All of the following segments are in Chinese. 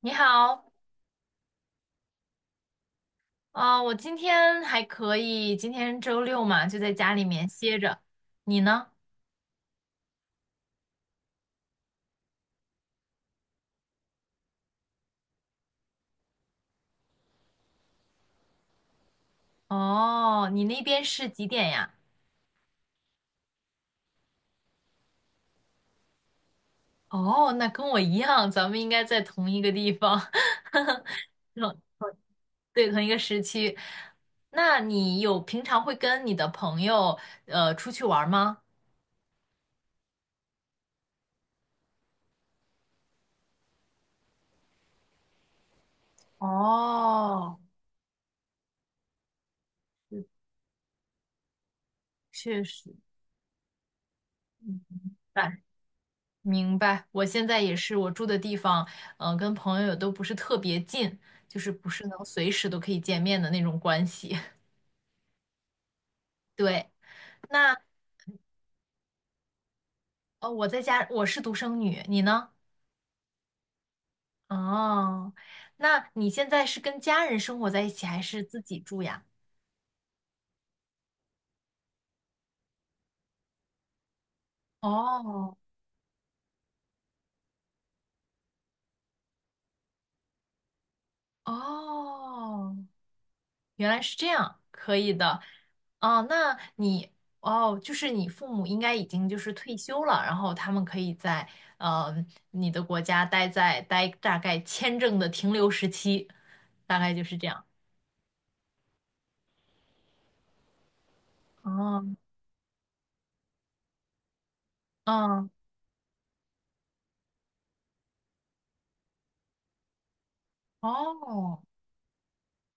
你好。我今天还可以，今天周六嘛，就在家里面歇着。你呢？哦，你那边是几点呀？哦，那跟我一样，咱们应该在同一个地方。同对，同一个时区。那你平常会跟你的朋友出去玩儿吗？哦，确实。嗯，晚明白，我现在也是，我住的地方，嗯、跟朋友都不是特别近，就是不是能随时都可以见面的那种关系。对。那我在家，我是独生女，你呢？哦，那你现在是跟家人生活在一起，还是自己住呀？哦哦，原来是这样，可以的。哦，哦，就是你父母应该已经就是退休了，然后他们可以在呃你的国家待大概签证的停留时期，大概就是这样。哦，嗯，哦，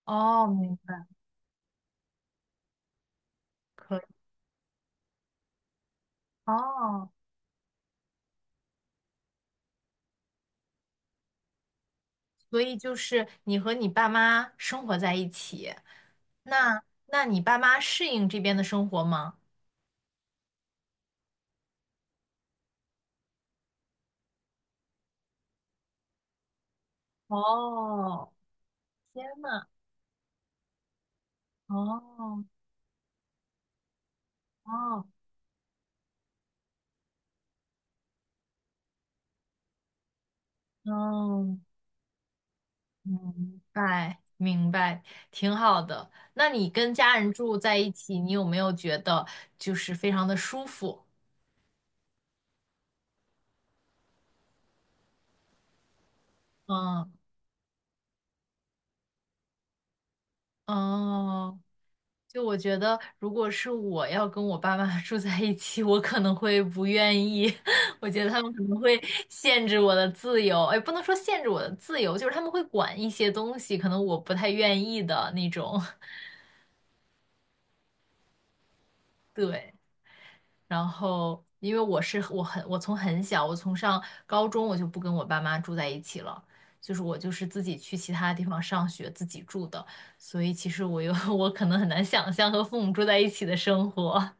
哦，明白，可以。哦，所以就是你和你爸妈生活在一起。那你爸妈适应这边的生活吗？哦，天呐，哦哦，哦，明白明白，挺好的。那你跟家人住在一起，你有没有觉得就是非常的舒服？嗯哦，就我觉得，如果是我要跟我爸妈 住在一起，我可能会不愿意。我觉得他们可能会限制我的自由，哎，不能说限制我的自由，就是他们会管一些东西，可能我不太愿意的那种。对。然后因为我是我很我从很小，我从上高中我就不跟我爸妈住在一起了，就是我就是自己去其他地方上学，自己住的，所以其实我可能很难想象和父母住在一起的生活。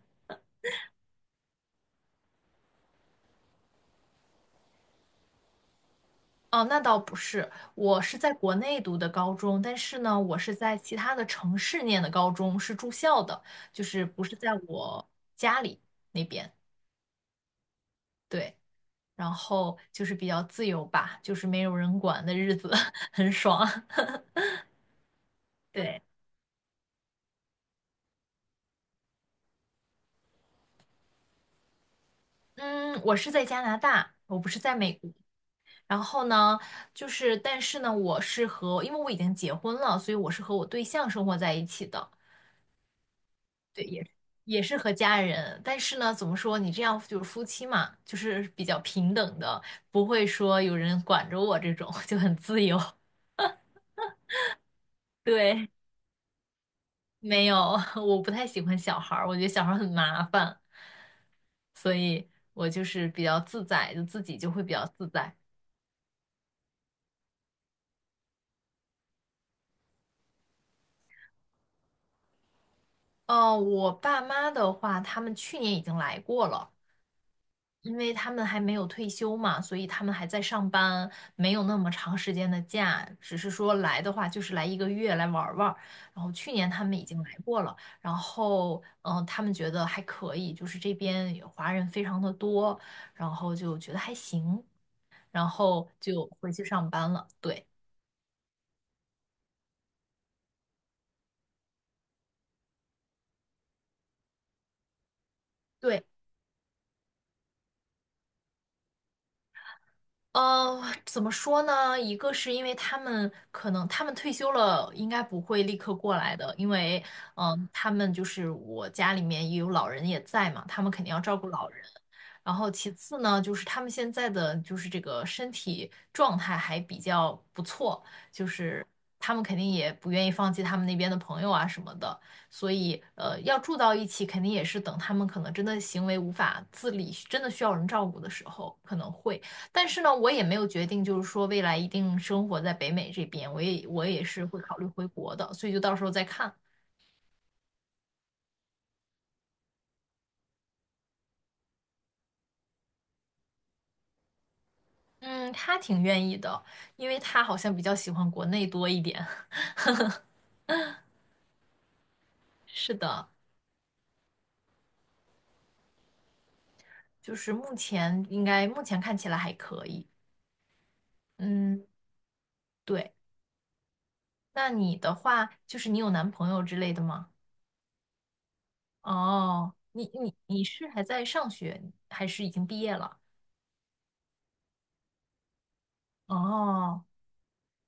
哦，那倒不是，我是在国内读的高中，但是呢，我是在其他的城市念的高中，是住校的，就是不是在我家里那边。对，然后就是比较自由吧，就是没有人管的日子，很爽。对。嗯，我是在加拿大，我不是在美国。然后呢，就是，但是呢，我是和，因为我已经结婚了，所以我是和我对象生活在一起的，对，也是和家人。但是呢，怎么说，你这样就是夫妻嘛，就是比较平等的，不会说有人管着我这种，就很自由。对。没有，我不太喜欢小孩儿，我觉得小孩儿很麻烦，所以我就是比较自在，就自己就会比较自在。我爸妈的话，他们去年已经来过了，因为他们还没有退休嘛，所以他们还在上班，没有那么长时间的假，只是说来的话就是来一个月来玩儿玩儿，然后去年他们已经来过了，然后他们觉得还可以，就是这边有华人非常的多，然后就觉得还行，然后就回去上班了。对。对。怎么说呢？一个是因为他们退休了，应该不会立刻过来的，因为他们就是我家里面也有老人也在嘛，他们肯定要照顾老人。然后其次呢，就是他们现在的就是这个身体状态还比较不错，就是他们肯定也不愿意放弃他们那边的朋友啊什么的，所以要住到一起，肯定也是等他们可能真的行为无法自理，真的需要人照顾的时候可能会。但是呢，我也没有决定，就是说未来一定生活在北美这边，我也是会考虑回国的，所以就到时候再看。嗯，他挺愿意的，因为他好像比较喜欢国内多一点。是的。就是目前目前看起来还可以。嗯，对。那你的话，就是你有男朋友之类的吗？哦，你是还在上学，还是已经毕业了？哦，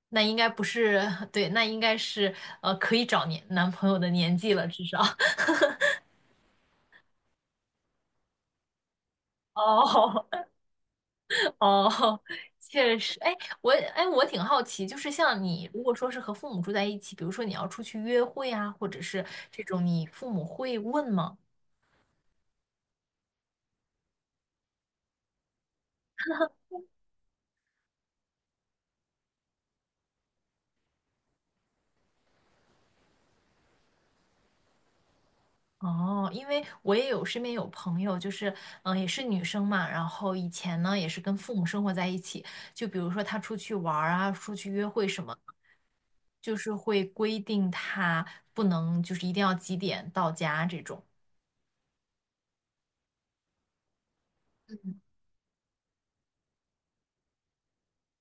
那应该不是，对，那应该是可以找年男朋友的年纪了，至少。哦哦，确实。哎，我挺好奇，就是像你，如果说是和父母住在一起，比如说你要出去约会啊，或者是这种，你父母会问吗？哦，因为我身边有朋友，就是也是女生嘛，然后以前呢也是跟父母生活在一起，就比如说她出去玩儿啊，出去约会什么，就是会规定她不能就是一定要几点到家这种。嗯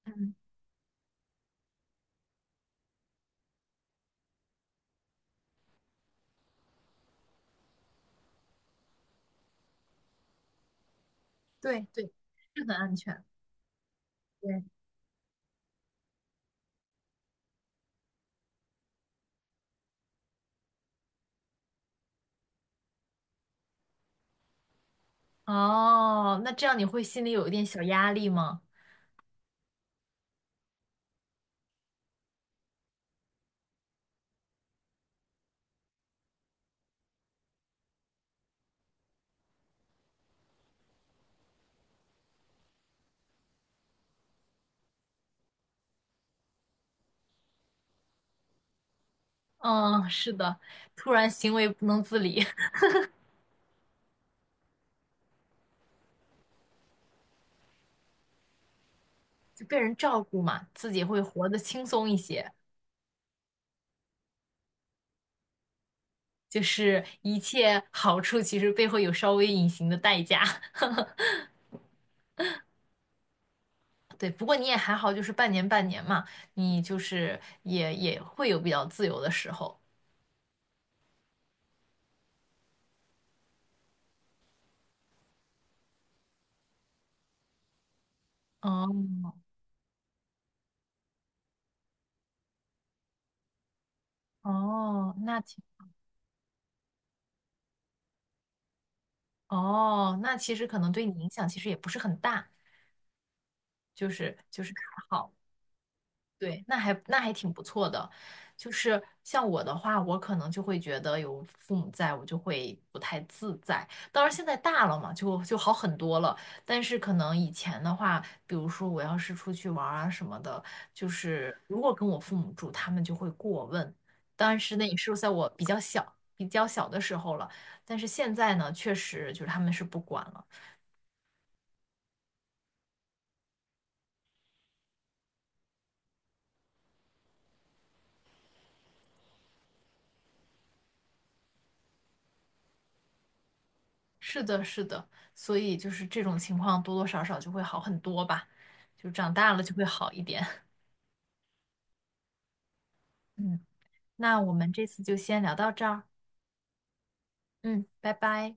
嗯，对，对，是很安全。对。哦，那这样你会心里有一点小压力吗？嗯，是的，突然行为不能自理。就被人照顾嘛，自己会活得轻松一些。就是一切好处其实背后有稍微隐形的代价。对，不过你也还好，就是半年嘛，你就是也会有比较自由的时候。哦哦，哦，那其实可能对你影响其实也不是很大，就是还好。对，那还挺不错的，就是像我的话，我可能就会觉得有父母在，我就会不太自在。当然现在大了嘛，就好很多了。但是可能以前的话，比如说我要是出去玩儿啊什么的，就是如果跟我父母住，他们就会过问。但是那也是在我比较小的时候了。但是现在呢，确实就是他们是不管了。是的，是的，所以就是这种情况多多少少就会好很多吧，就长大了就会好一点。嗯，那我们这次就先聊到这儿。嗯，拜拜。